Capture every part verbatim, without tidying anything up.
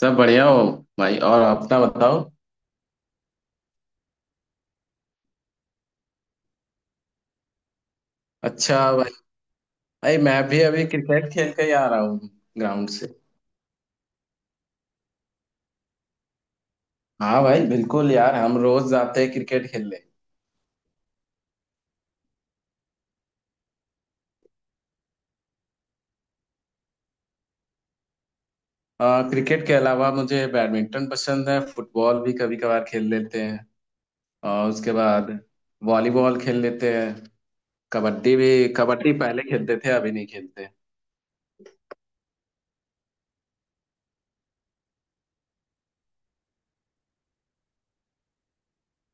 सब बढ़िया हो। भाई और अपना बताओ। अच्छा भाई। भाई मैं भी अभी क्रिकेट खेल के ही आ रहा हूँ ग्राउंड से। हाँ भाई, बिल्कुल यार, हम रोज जाते हैं क्रिकेट खेलने। आ, क्रिकेट के अलावा मुझे बैडमिंटन पसंद है, फुटबॉल भी कभी कभार खेल लेते हैं। और उसके बाद वॉलीबॉल खेल लेते हैं, कबड्डी भी। कबड्डी पहले खेलते थे, अभी नहीं खेलते।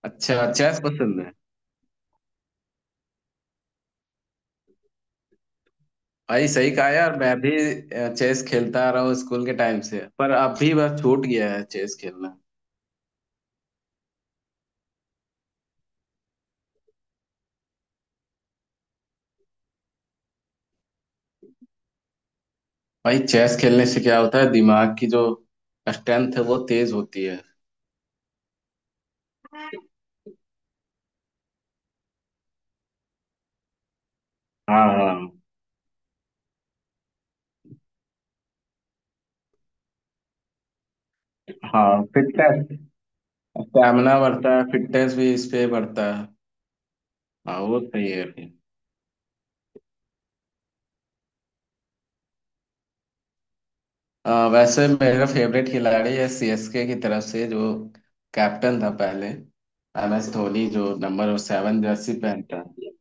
अच्छा, चेस पसंद है। भाई सही कहा यार, मैं भी अ, चेस खेलता आ रहा हूँ स्कूल के टाइम से, पर अब भी बस छूट गया है चेस खेलना। भाई, चेस खेलने से क्या होता है, दिमाग की जो स्ट्रेंथ है वो तेज होती है। हाँ, हाँ। हाँ, फिटनेस। स्टैमिना बढ़ता है, फिटनेस भी इस पे बढ़ता है। हाँ, वो सही है फिर। आ, वैसे मेरा फेवरेट खिलाड़ी है सीएसके की तरफ से, जो कैप्टन था पहले, एम एस धोनी, जो नंबर सेवन जर्सी पहनता है।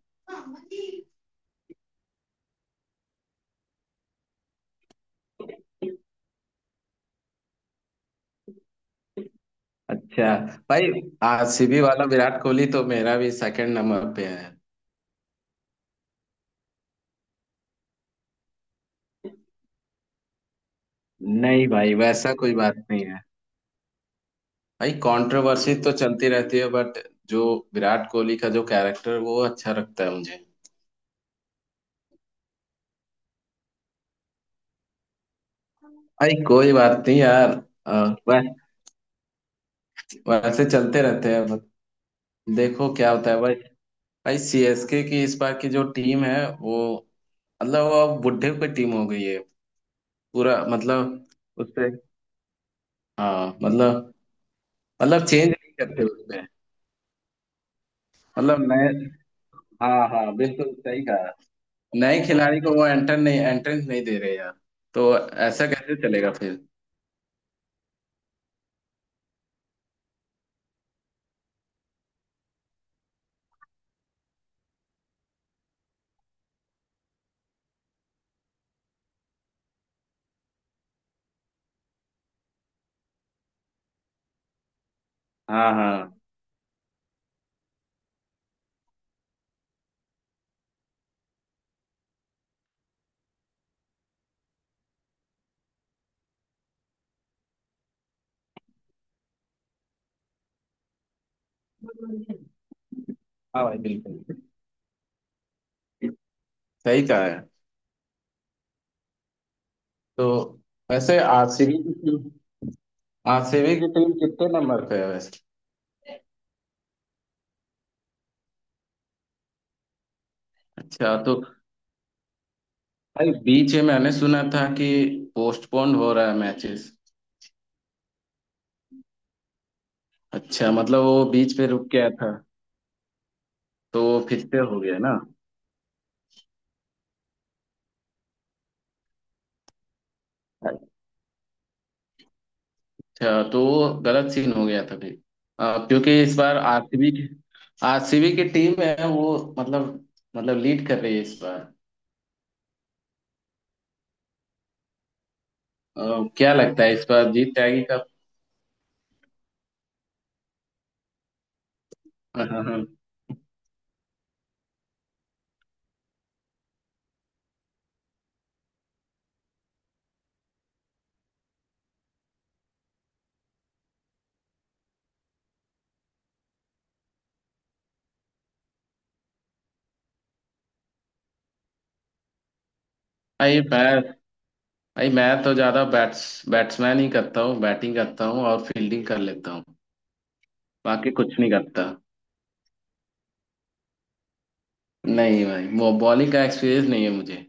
अच्छा भाई। आरसीबी वाला विराट कोहली तो मेरा भी सेकंड नंबर पे है। नहीं भाई, वैसा कोई बात नहीं है। भाई कंट्रोवर्सी तो चलती रहती है बट, जो विराट कोहली का जो कैरेक्टर, वो अच्छा लगता है मुझे। भाई कोई बात नहीं यार। अ, वै- वैसे चलते रहते हैं बस। देखो क्या होता है भाई। भाई, सीएसके की इस बार की जो टीम है वो, मतलब, वो अब बुढ़े की टीम हो गई है, पूरा मतलब, उससे। हाँ मतलब। मतलब चेंज नहीं करते उसमें। मतलब नए। हाँ, हाँ, बिल्कुल सही कहा। नए खिलाड़ी को वो एंटर नहीं, एंट्रेंस नहीं दे रहे यार। तो ऐसा कैसे चलेगा फिर? हाँ, हाँ। हाँ भाई, बिल्कुल सही कहा है तो। वैसे आरसीबी की टीम आरसीबी की टीम कितने नंबर पे है वैसे? अच्छा तो। भाई बीच में मैंने सुना था कि पोस्टपोन हो रहा है मैचेस। अच्छा, मतलब वो बीच पे रुक गया था। तो वो फिर से हो गया ना? अच्छा, तो वो गलत सीन हो गया था फिर। अ, क्योंकि इस बार आरसीबी की आरसीबी की टीम है वो, मतलब मतलब लीड कर रही है इस बार। अ, क्या लगता है इस बार जीत जाएगी कब? हाँ, हाँ, हाँ। भाई मैं भाई मैं तो ज्यादा बैट्स बैट्समैन ही करता हूँ, बैटिंग करता हूँ और फील्डिंग कर लेता हूँ। बाकी कुछ नहीं करता। नहीं भाई, वो बॉलिंग का एक्सपीरियंस नहीं है मुझे।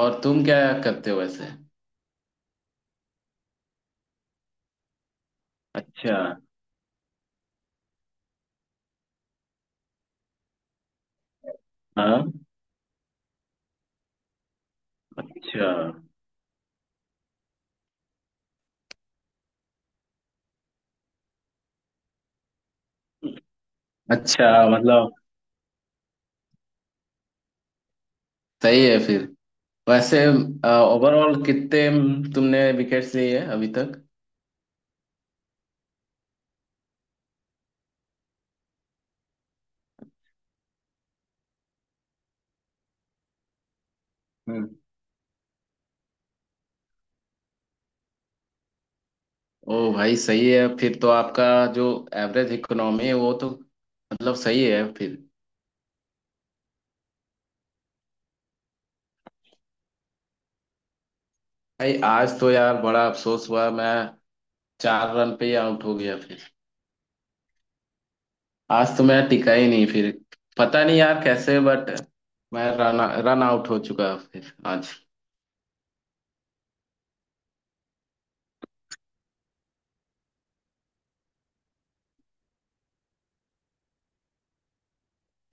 और तुम क्या करते हो वैसे? अच्छा। हाँ। अच्छा। अच्छा, मतलब सही है फिर। वैसे ओवरऑल कितने तुमने विकेट्स लिए है अभी तक? हम्म। ओ भाई, सही है फिर तो, आपका जो एवरेज इकोनॉमी है वो तो मतलब सही है फिर। भाई आज तो यार बड़ा अफसोस हुआ, मैं चार रन पे ही आउट हो गया फिर। आज तो मैं टिका ही नहीं फिर। पता नहीं यार कैसे बट, मैं रन रन आउट हो चुका फिर आज।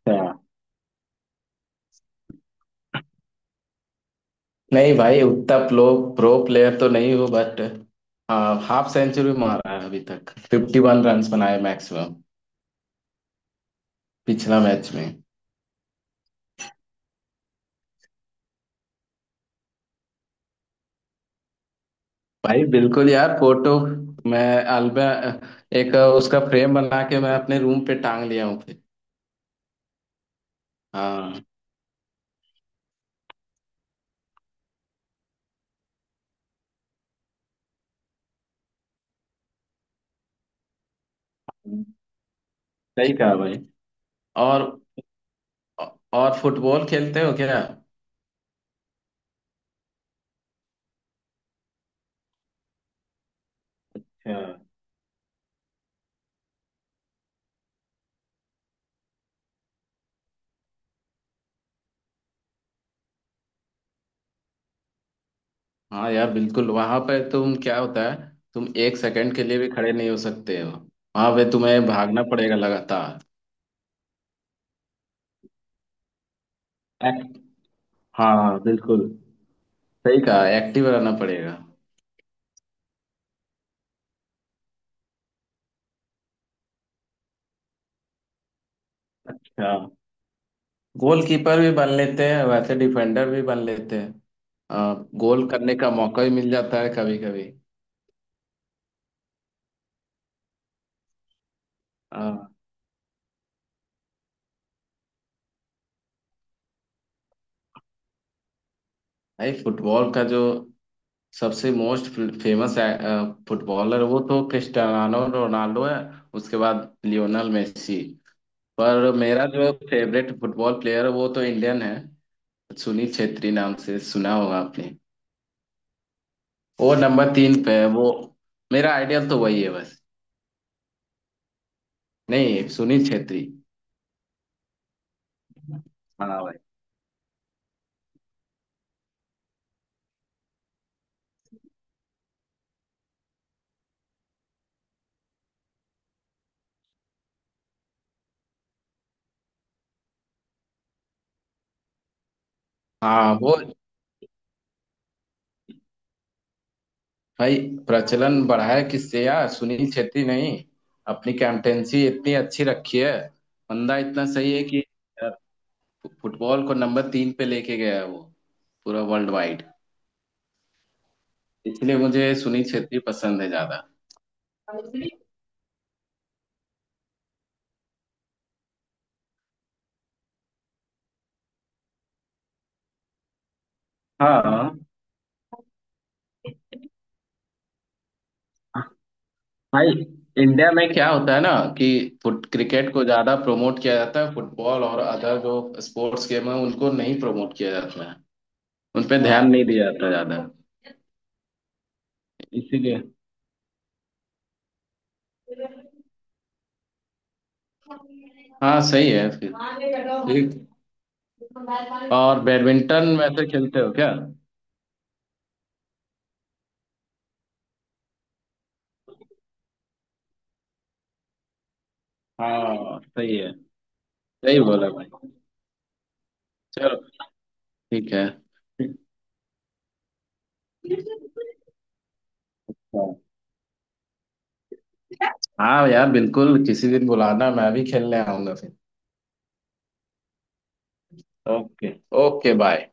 अच्छा। नहीं भाई, उतना प्रो प्रो प्लेयर तो नहीं हूँ बट। हाँ, हाफ सेंचुरी मारा है अभी तक, फिफ्टी वन रन बनाए मैक्सिमम पिछला मैच में। भाई बिल्कुल यार, फोटो, मैं अल्बा एक उसका फ्रेम बना के मैं अपने रूम पे टांग लिया हूँ फिर। हाँ, सही कहा भाई। और और फुटबॉल खेलते हो क्या? अच्छा। हाँ यार बिल्कुल, वहां पे तुम, क्या होता है, तुम एक सेकंड के लिए भी खड़े नहीं हो सकते हो। वहां पे तुम्हें भागना पड़ेगा लगातार। एक- हाँ, हाँ, बिल्कुल सही कहा, एक्टिव रहना पड़ेगा। अच्छा। गोलकीपर भी बन लेते हैं वैसे, डिफेंडर भी बन लेते हैं। आ, गोल करने का मौका भी मिल जाता है कभी कभी। हाँ। भाई, फुटबॉल का जो सबसे मोस्ट फेमस फुटबॉलर, वो तो क्रिस्टियानो रोनाल्डो है, उसके बाद लियोनल मेसी। पर मेरा जो फेवरेट फुटबॉल प्लेयर है वो तो इंडियन है। सुनील छेत्री नाम से सुना होगा आपने। वो नंबर तीन पे है, वो मेरा आइडियल तो वही है बस। नहीं, सुनील छेत्री। हाँ भाई। हाँ वो। भाई, प्रचलन बढ़ा है किससे यार, सुनील छेत्री, नहीं अपनी कैप्टेंसी इतनी अच्छी रखी है, बंदा इतना सही है कि यार, फुटबॉल को नंबर तीन पे लेके गया है वो, पूरा वर्ल्ड वाइड। इसलिए मुझे सुनील छेत्री पसंद है ज्यादा। हाँ भाई, इंडिया में क्या होता है ना कि फुट क्रिकेट को ज्यादा प्रमोट किया जाता है, फुटबॉल और अदर जो स्पोर्ट्स गेम है उनको नहीं प्रमोट किया जाता है। उन पे ध्यान नहीं दिया जाता ज्यादा। इसीलिए। हाँ सही है फिर। ठीक। और बैडमिंटन वैसे खेलते हो क्या? हाँ सही है, सही बोला भाई। चलो। ठीक है। हाँ यार बिल्कुल, किसी दिन बुलाना, मैं भी खेलने आऊंगा फिर। Okay, okay, bye.